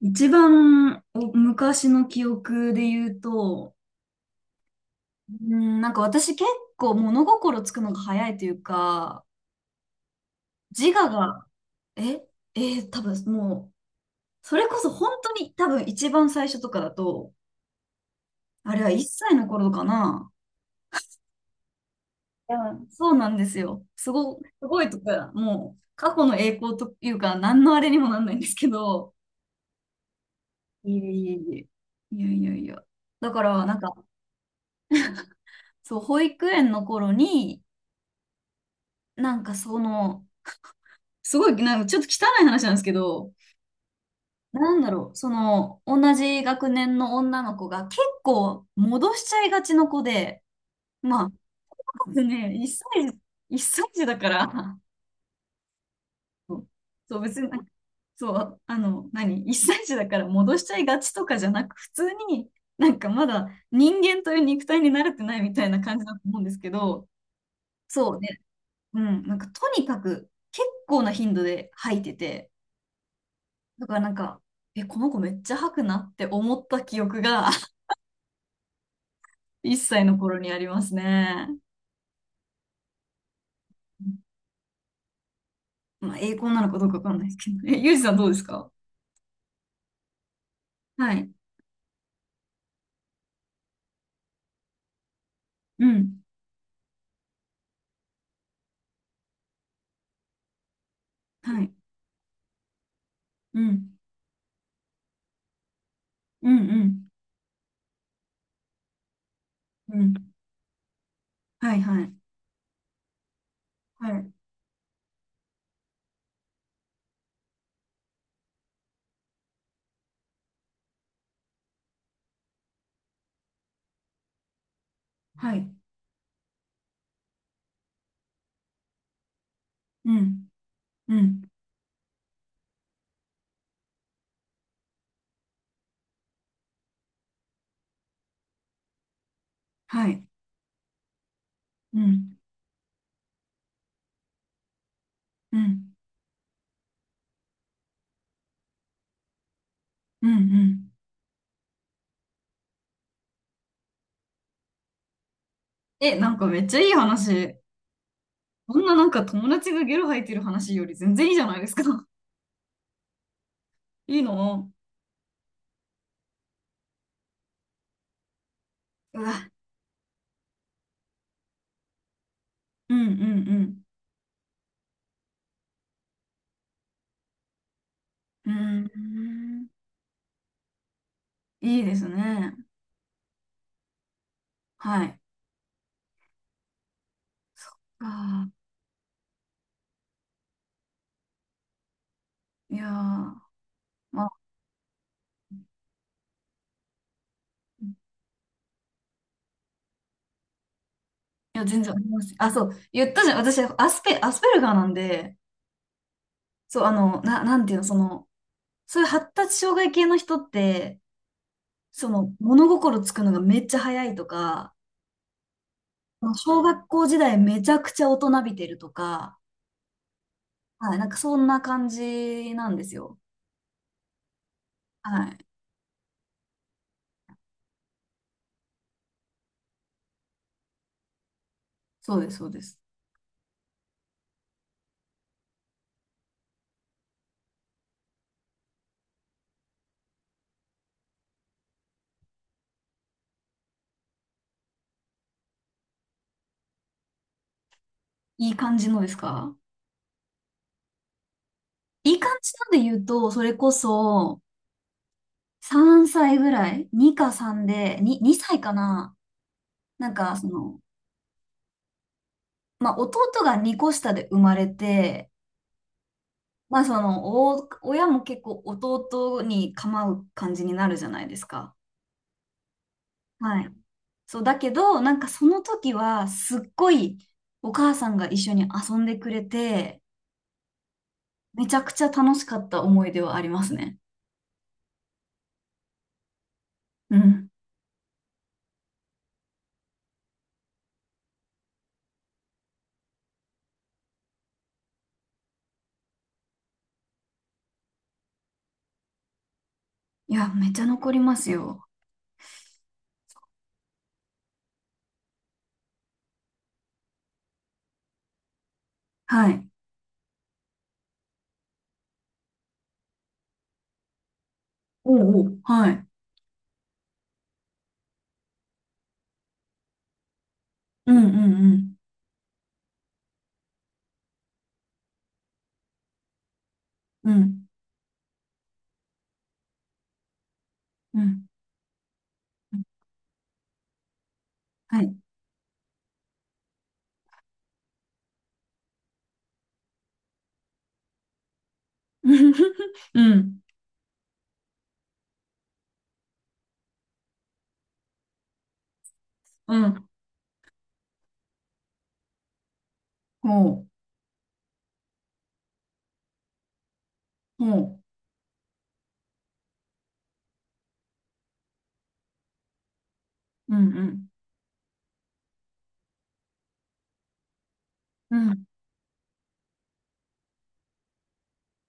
一番お昔の記憶で言うと、うん、なんか私結構物心つくのが早いというか、自我が、え、えー多分もう、それこそ本当に多分一番最初とかだと、あれは1歳の頃かな。うん、そうなんですよ。すごいとか、もう過去の栄光というか、何のあれにもなんないんですけど、いえいえいえ。いやいやいや。だから、なんか、そう、保育園の頃に、なんかその、すごい、なんかちょっと汚い話なんですけど、なんだろう、その、同じ学年の女の子が結構戻しちゃいがちの子で、まあ、ね、一歳児だから、そうそう別に、そう、あの、何、一歳児だから戻しちゃいがちとかじゃなく、普通になんかまだ人間という肉体に慣れてないみたいな感じだと思うんですけど、そうね、うん、なんかとにかく結構な頻度で吐いてて、だからなんか、え、この子めっちゃ吐くなって思った記憶が 1歳の頃にありますね。まあ、栄光なのかどうかわかんないですけど。え、ゆうじさんどうですか？はい。うん。はい。うん。うん。うん。うん。はい。はい。はい。はい。うん。うん。はい。うん。うん。うん。うん。え、なんかめっちゃいい話。こんななんか友達がゲロ吐いてる話より全然いいじゃないですか。いいの。うわ。うん。うん。うん。うーん。いいですね。はい。ああ、いやー、まあ、いや、全然あります。あ、そう、言ったじゃん。私、アスペルガーなんで、そう、あの、なんていうの、その、そういう発達障害系の人って、その、物心つくのがめっちゃ早いとか、小学校時代めちゃくちゃ大人びてるとか、はい、なんかそんな感じなんですよ。はい。そうです、そうです。いい感じのですか？いい感じなんで言うと、それこそ、3歳ぐらい？ 2 か3で、2歳かな。なんか、その、まあ、弟が2個下で生まれて、まあ、その、お、親も結構弟に構う感じになるじゃないですか。はい。そう、だけど、なんかその時は、すっごいお母さんが一緒に遊んでくれて、めちゃくちゃ楽しかった思い出はありますね。うん。いや、めっちゃ残りますよ。はい。おうおう。はい。うんうんうん。うん。うん。はい。 うん、うん、ほう、ほう、うん、うん、うん、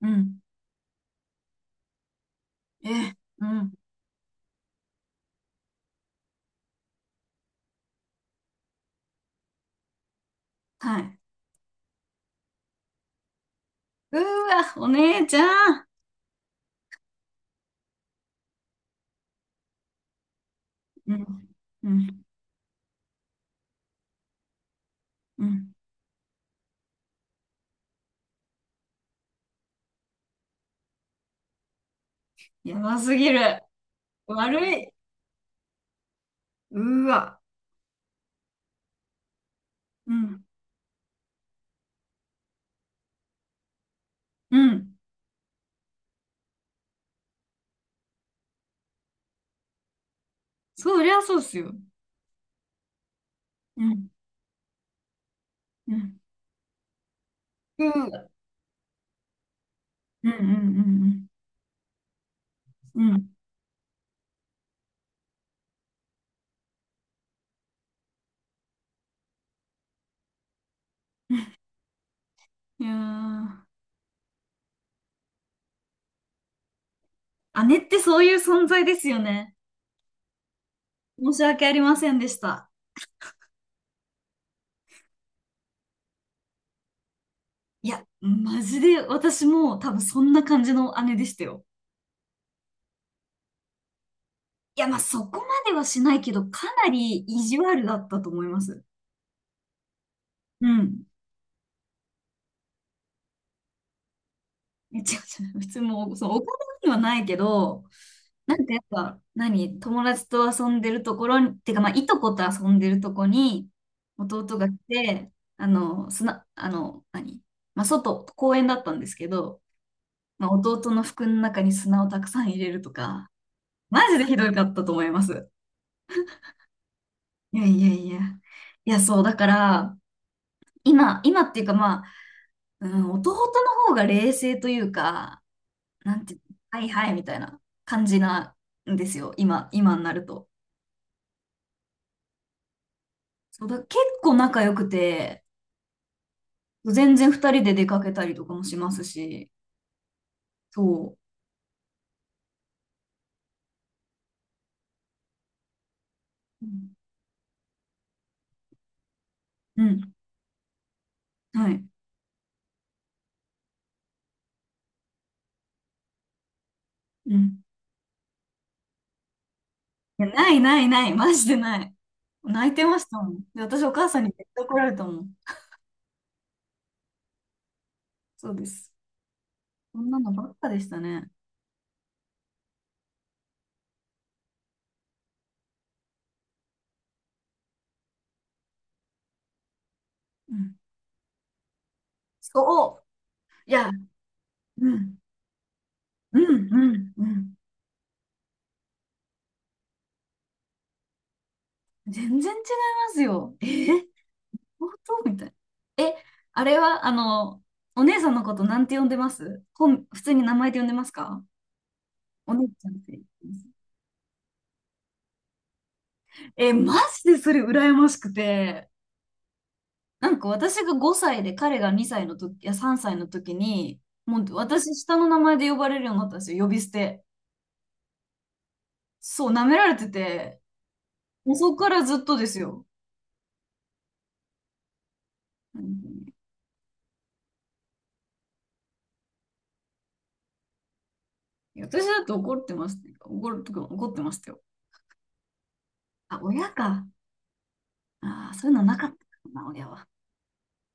うん、え、うん、はい。うーわ、お姉ちゃん。うん、うん、うん。やばすぎる。悪い。うーわ、うん、うん。そりゃそうっすよ。うん、うん、うーわ、うん、うん、うん、うん。うん。いやー、姉ってそういう存在ですよね。申し訳ありませんでした。いや、マジで私も多分そんな感じの姉でしたよ。いや、まあ、そこまではしないけど、かなり意地悪だったと思います。うん。違う違う。普通もう、そのお金にはないけど、なんかやっぱ、何、友達と遊んでるところに、てか、まあ、いとこと遊んでるとこに、弟が来て、あの、砂、あの、何、まあ、外、公園だったんですけど、まあ、弟の服の中に砂をたくさん入れるとか、マジでひどかったと思います。いやいやいや。いや、そう、だから、今っていうかまあ、うん、弟の方が冷静というか、なんていうの、はいはいみたいな感じなんですよ、今になると。そうだ、結構仲良くて、全然二人で出かけたりとかもしますし、そう。うん、うん、はい。うん。いや、ないないない、マジでない。泣いてましたもん。で、私お母さんに絶対怒られたもん。そうです。そんなのばっかでしたね。うん。そう。いや、うん、うん、うん、うん。全然違いますよ。え、本当みたいな。え、あれは、あの、お姉さんのことなんて呼んでます？本、普通に名前で呼んでますか？お姉ちゃんって言ってます。え、マジでそれ羨ましくて、なんか私が5歳で彼が2歳の時、いや3歳の時に、もう私下の名前で呼ばれるようになったんですよ、呼び捨て。そう、舐められてて、もうそこからずっとですよ。本当に。いや私だって怒ってます。怒るとか怒ってましたよ。あ、親か。ああ、そういうのなかったな、親は。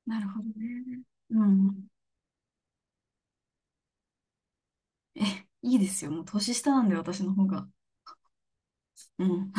なるほどね。うん。え、いいですよ。もう年下なんで、私の方が。うん。